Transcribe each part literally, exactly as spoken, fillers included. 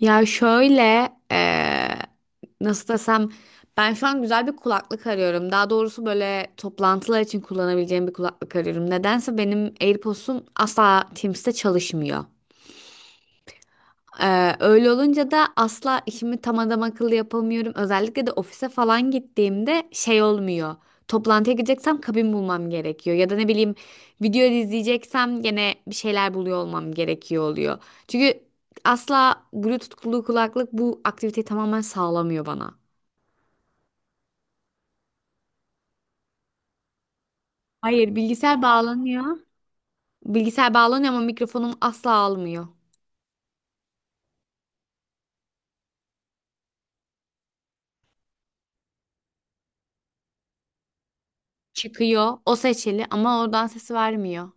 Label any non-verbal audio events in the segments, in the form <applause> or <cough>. Ya şöyle eee, nasıl desem, ben şu an güzel bir kulaklık arıyorum. Daha doğrusu böyle toplantılar için kullanabileceğim bir kulaklık arıyorum. Nedense benim AirPods'um asla Teams'te çalışmıyor. Ee, öyle olunca da asla işimi tam adam akıllı yapamıyorum. Özellikle de ofise falan gittiğimde şey olmuyor. Toplantıya gideceksem kabin bulmam gerekiyor. Ya da ne bileyim, video izleyeceksem gene bir şeyler buluyor olmam gerekiyor oluyor. Çünkü asla Bluetooth'lu kulaklık bu aktiviteyi tamamen sağlamıyor bana. Hayır, bilgisayar bağlanıyor. Bilgisayar bağlanıyor ama mikrofonum asla almıyor. Çıkıyor, o seçili ama oradan sesi vermiyor.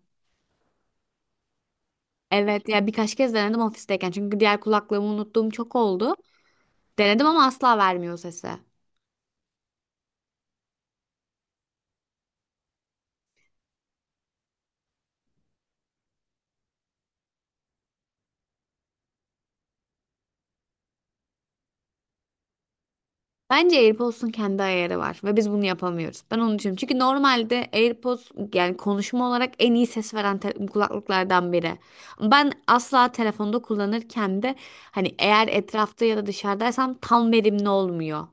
Evet ya, birkaç kez denedim ofisteyken, çünkü diğer kulaklığımı unuttuğum çok oldu. Denedim ama asla vermiyor sesi. Bence AirPods'un kendi ayarı var ve biz bunu yapamıyoruz. Ben onu düşünüyorum. Çünkü normalde AirPods, yani konuşma olarak en iyi ses veren te- kulaklıklardan biri. Ben asla telefonda kullanırken de hani, eğer etrafta ya da dışarıdaysam tam verimli olmuyor.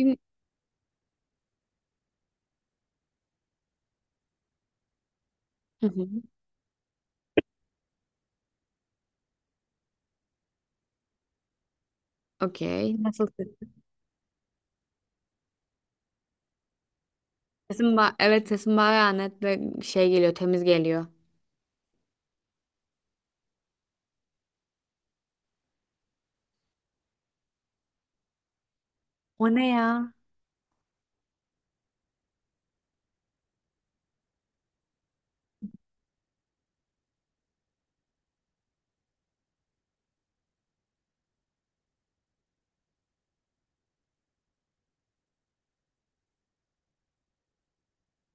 Hı hı. Okey. Nasıl ses? Sesim ba- evet, sesim bayağı net ve şey geliyor, temiz geliyor. O ne ya?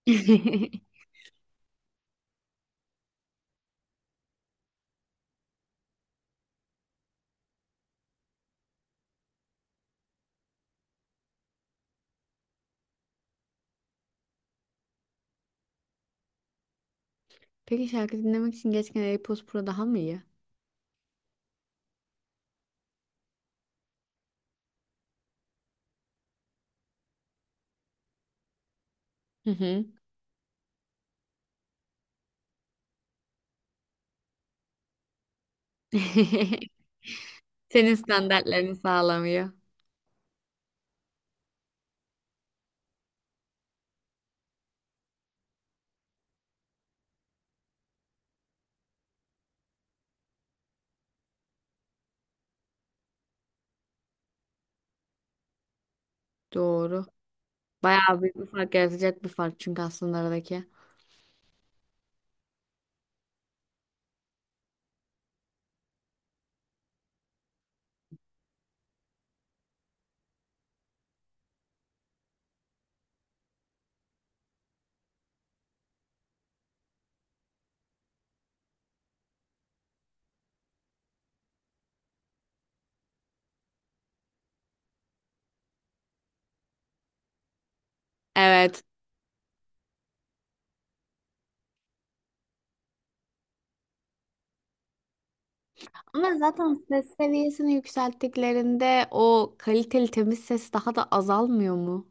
<laughs> Peki şarkı dinlemek için gerçekten AirPods Pro daha mı iyi? Hı hı. <laughs> Senin standartlarını sağlamıyor. Doğru. Bayağı büyük bir fark yaratacak bir fark çünkü aslında aradaki. Evet. Ama zaten ses seviyesini yükselttiklerinde o kaliteli temiz ses daha da azalmıyor mu?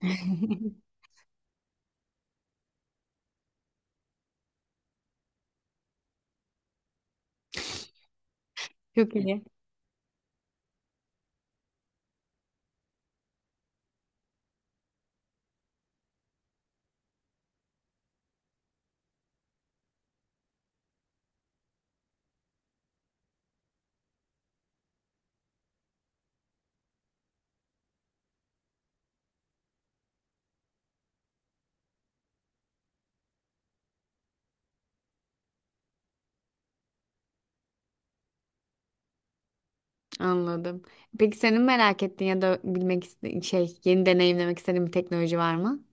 <laughs> Çok iyi. Anladım. Peki senin merak ettiğin ya da bilmek iste şey yeni deneyimlemek istediğin bir teknoloji var mı?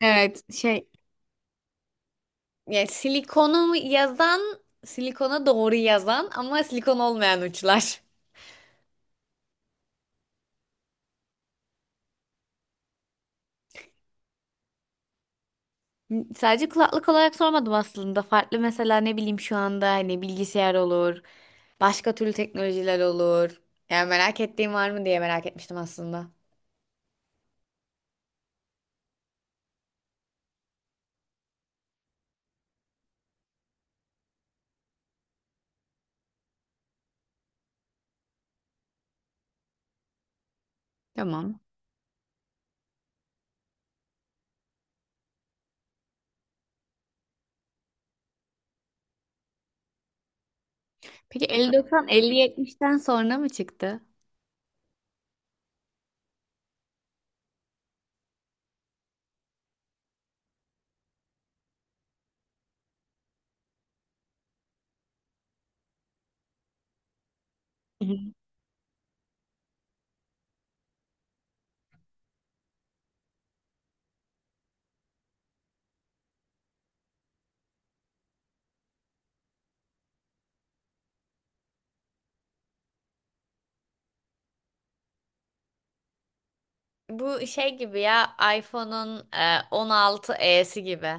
Evet, şey. Yani silikonu yazan, silikona doğru yazan ama silikon olmayan uçlar. Sadece kulaklık olarak sormadım aslında. Farklı mesela, ne bileyim, şu anda hani bilgisayar olur, başka türlü teknolojiler olur. Yani merak ettiğim var mı diye merak etmiştim aslında. Tamam. Peki elli doksan, elli yetmişten sonra mı çıktı? Hı hı. Bu şey gibi ya, iPhone'un e, on altı esi gibi.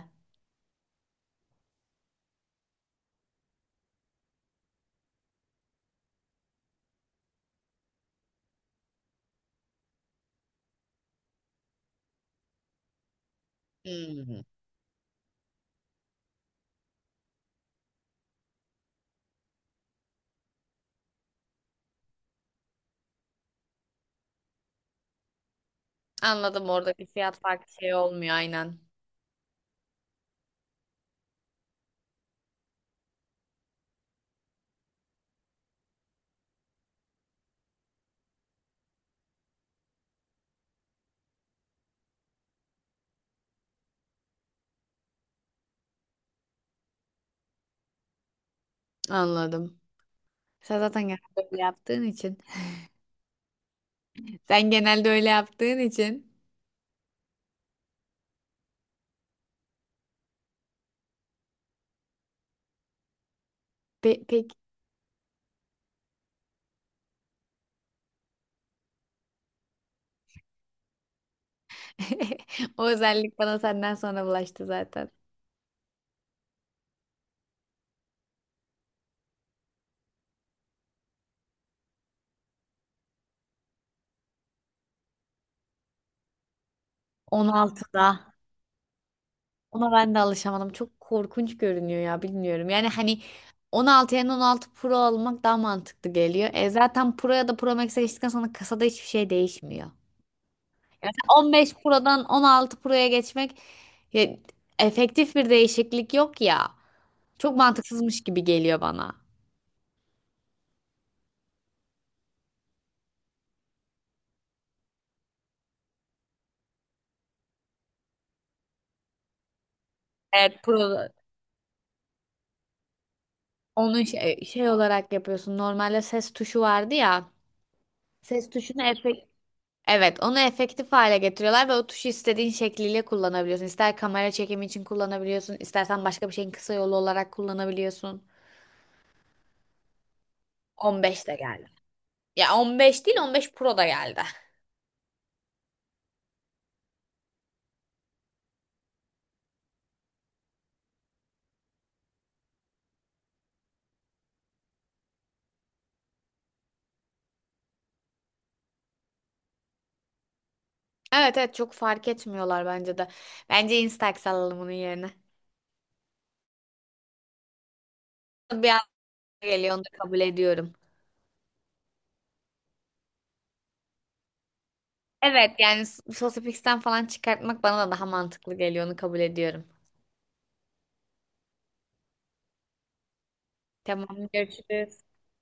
Hmm. Anladım, oradaki fiyat farkı şey olmuyor, aynen. Anladım. Sen zaten genelde öyle yaptığın için. Sen genelde öyle yaptığın için. Pe pek. <laughs> O özellik bana senden sonra bulaştı zaten. on altıda. Ona ben de alışamadım. Çok korkunç görünüyor ya, bilmiyorum. Yani hani, on altı yerine on altı Pro almak daha mantıklı geliyor. E zaten Pro ya da Pro Max'e geçtikten sonra kasada hiçbir şey değişmiyor. Yani on beş Pro'dan on altı Pro'ya geçmek, ya, efektif bir değişiklik yok ya. Çok mantıksızmış gibi geliyor bana. Evet, pro, onun şey, şey olarak yapıyorsun. Normalde ses tuşu vardı ya. Ses tuşunu efek, evet, onu efektif hale getiriyorlar ve o tuşu istediğin şekliyle kullanabiliyorsun. İster kamera çekimi için kullanabiliyorsun, istersen başka bir şeyin kısa yolu olarak kullanabiliyorsun. on beş de geldi. Ya on beş değil, on beş Pro da geldi. Evet evet, çok fark etmiyorlar bence de. Bence Instax alalım onun yerine. Bir geliyor, onu da kabul ediyorum. Evet yani s- sosyopiksten falan çıkartmak bana da daha mantıklı geliyor, onu kabul ediyorum. Tamam, görüşürüz.